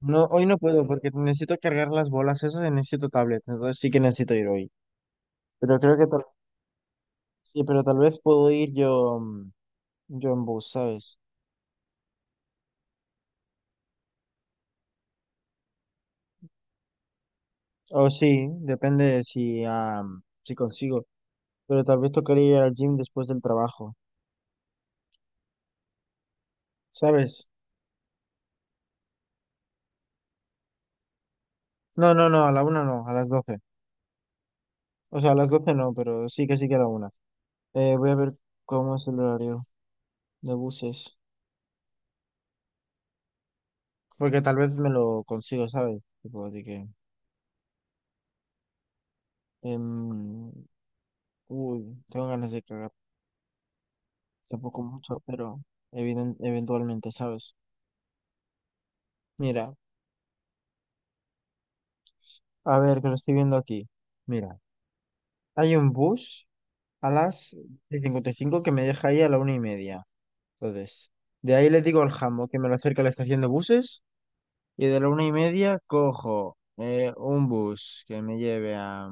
No, hoy no puedo porque necesito cargar las bolas esas y necesito tablet, entonces sí que necesito ir hoy. Pero creo que tal, sí, pero tal vez puedo ir yo, yo en bus, ¿sabes? O sí, depende de si, si consigo. Pero tal vez tocaría ir al gym después del trabajo, ¿sabes? No, no, no, a la una no, a las doce. O sea, a las doce no, pero sí que a la una. Voy a ver cómo es el horario de buses, porque tal vez me lo consigo, ¿sabes? Tipo, de que, em, uy, tengo ganas de cagar. Tampoco mucho, pero eventualmente, ¿sabes? Mira, a ver, que lo estoy viendo aquí. Mira, hay un bus a las 55 que me deja ahí a la una y media. Entonces, de ahí le digo al jambo que me lo acerque a la estación de buses y de la una y media cojo un bus que me lleve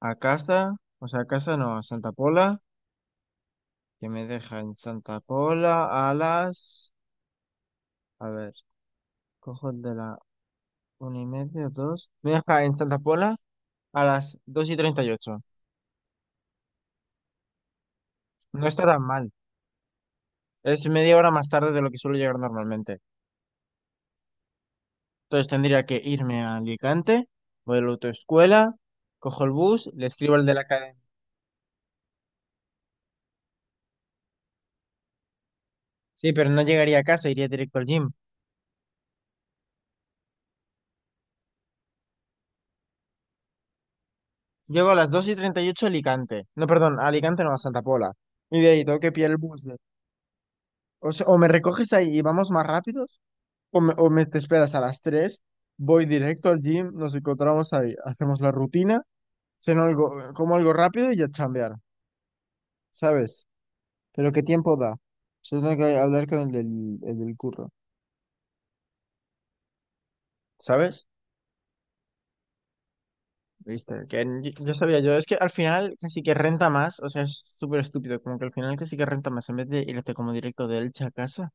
a casa, o sea, a casa no, a Santa Pola, que me deja en Santa Pola a las... A ver, cojo el de la una y media, dos. Me deja en Santa Pola a las 2 y 38. No está tan mal. Es media hora más tarde de lo que suelo llegar normalmente. Entonces tendría que irme a Alicante, voy a la autoescuela, cojo el bus, le escribo al de la academia. Sí, pero no llegaría a casa, iría directo al gym. Llego a las 2 y 38 a Alicante. No, perdón, a Alicante no, a Santa Pola. Y de ahí tengo que pillar el bus. O sea, o me recoges ahí y vamos más rápidos, o me te esperas a las tres, voy directo al gym, nos encontramos ahí, hacemos la rutina, ceno algo, como algo rápido y ya chambear, ¿sabes? Pero ¿qué tiempo da? Yo tengo que hablar con el del curro, ¿sabes? Viste, que ya sabía yo, es que al final casi que renta más, o sea, es súper estúpido, como que al final casi que renta más, en vez de irte como directo de Elche a casa,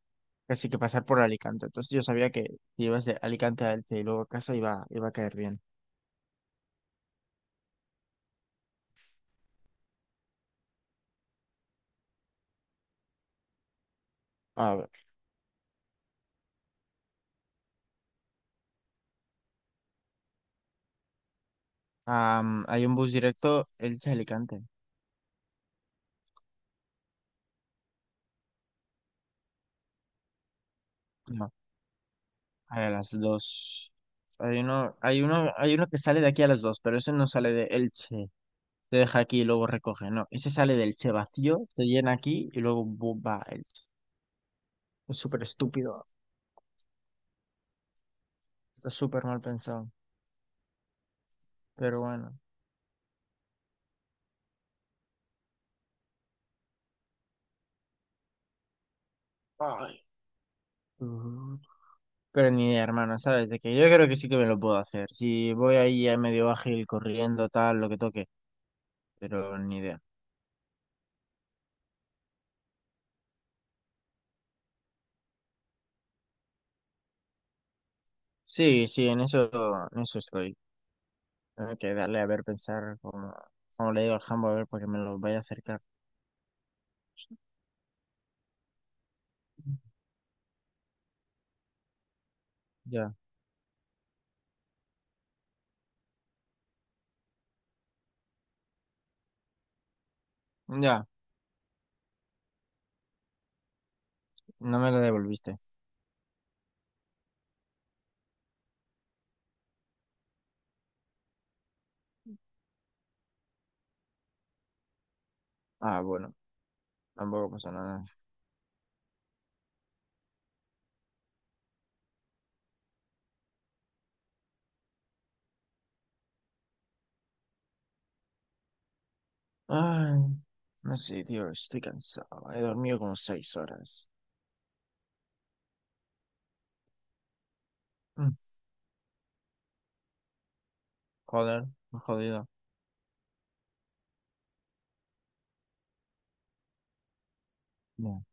casi que pasar por Alicante. Entonces yo sabía que si ibas de Alicante a Elche y luego a casa iba a caer bien. A ver, hay un bus directo Elche-Alicante. No, a las dos. Hay uno que sale de aquí a las dos, pero ese no sale de Elche, te deja aquí y luego recoge. No, ese sale del Che vacío, te llena aquí y luego va el Che. Es súper estúpido, está súper mal pensado, pero bueno. Ay. Mm. Pero ni idea, hermano, ¿sabes? De que yo creo que sí que me lo puedo hacer. Si voy ahí a medio ágil, corriendo, tal, lo que toque, pero ni idea. Sí, sí, en eso estoy. Tengo que darle a ver, pensar como, como le digo al jambo, a ver, para que me lo vaya a acercar. Ya, ya, no me lo devolviste. Ah, bueno, tampoco pasa nada. Ay, no sé, tío, estoy cansado. He dormido como 6 horas. Mm. Joder, me he jodido. Ya,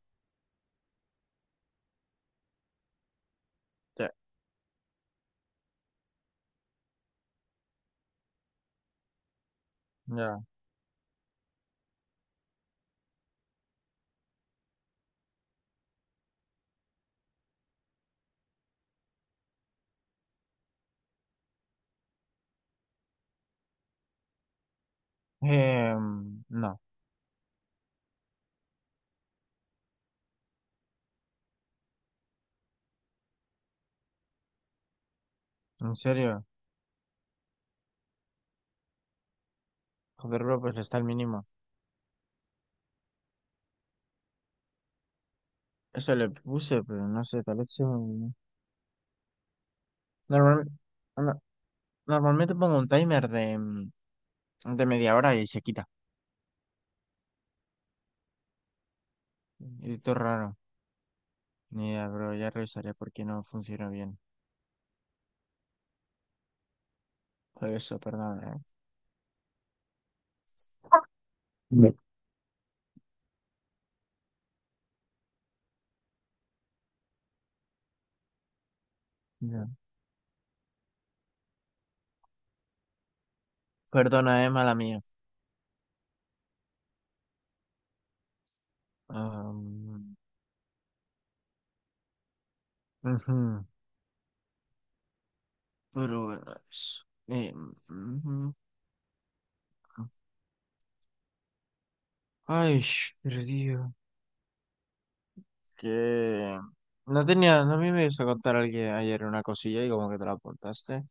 ya, ya. No, en serio. Joder, bro, pues está al mínimo. Eso le puse, pero no sé, tal vez se me olvidó. Normal- no- Normalmente pongo un timer de, de media hora y se quita. Y todo raro. Ni idea, bro, ya revisaré por qué no funciona bien. Por eso, perdona, eh. Ya. Perdona, mala mía. Am, ujú. Pero bueno, eso ujú. Ay, perdido. Que no me ibas a contar alguien ayer una cosilla y como que te la aportaste.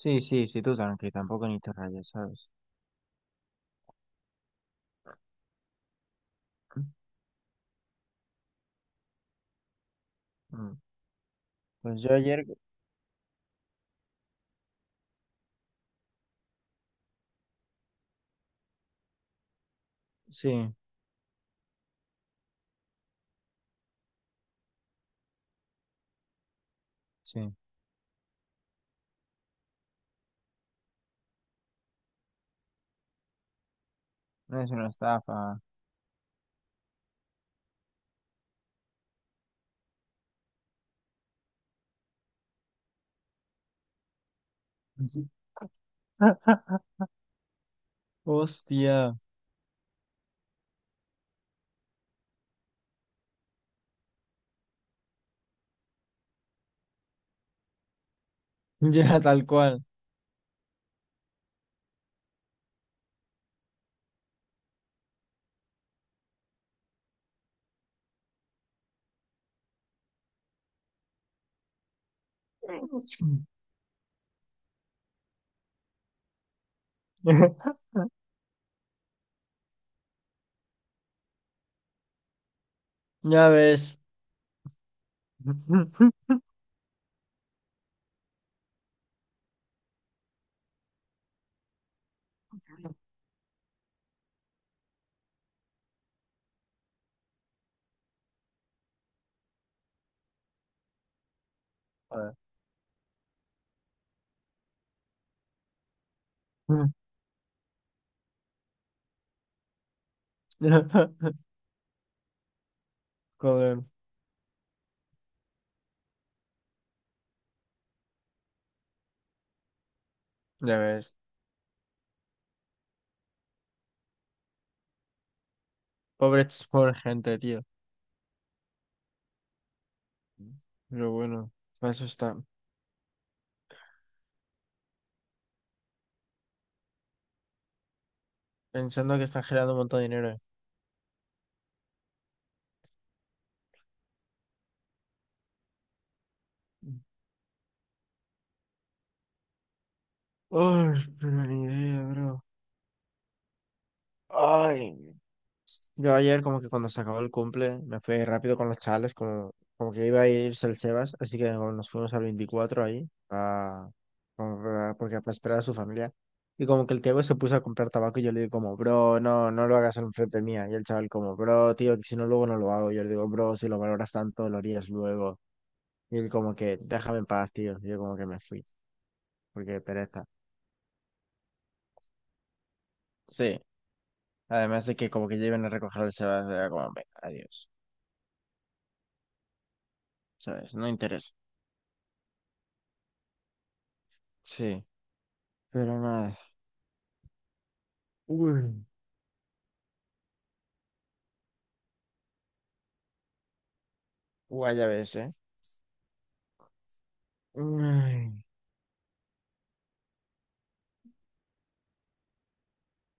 Sí, sí, sí, tú tranqui, tampoco ni te rayes, ¿sabes? Mm. Pues yo ayer, sí, sí, no es una estafa. Sí. Hostia, ya tal cual. Ya ves. Joder. Joder. Ya ves. Pobres, pobre gente, tío. Pero bueno, para eso está. Pensando que están generando un montón de dinero. Ay, pero ni idea, bro. Ay. Yo ayer como que cuando se acabó el cumple, me fui rápido con los chavales, como, como que iba a irse el Sebas, así que como nos fuimos al 24 ahí, a, porque para esperar a su familia. Y como que el Tiago se puso a comprar tabaco y yo le digo como, bro, no lo hagas en frente mía. Y el chaval como, bro, tío, que si no luego no lo hago. Yo le digo, bro, si lo valoras tanto, lo harías luego. Y él como que, déjame en paz, tío. Y yo como que me fui, porque pereza. Sí, además de que como que lleven a recoger el Sebas, era como, venga, adiós. ¿Sabes? No interesa. Sí, pero nada. Uy, guay, ya ves, ¿eh? Uy,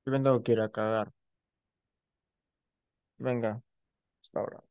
yo me tengo que ir a cagar. Venga, hasta ahora.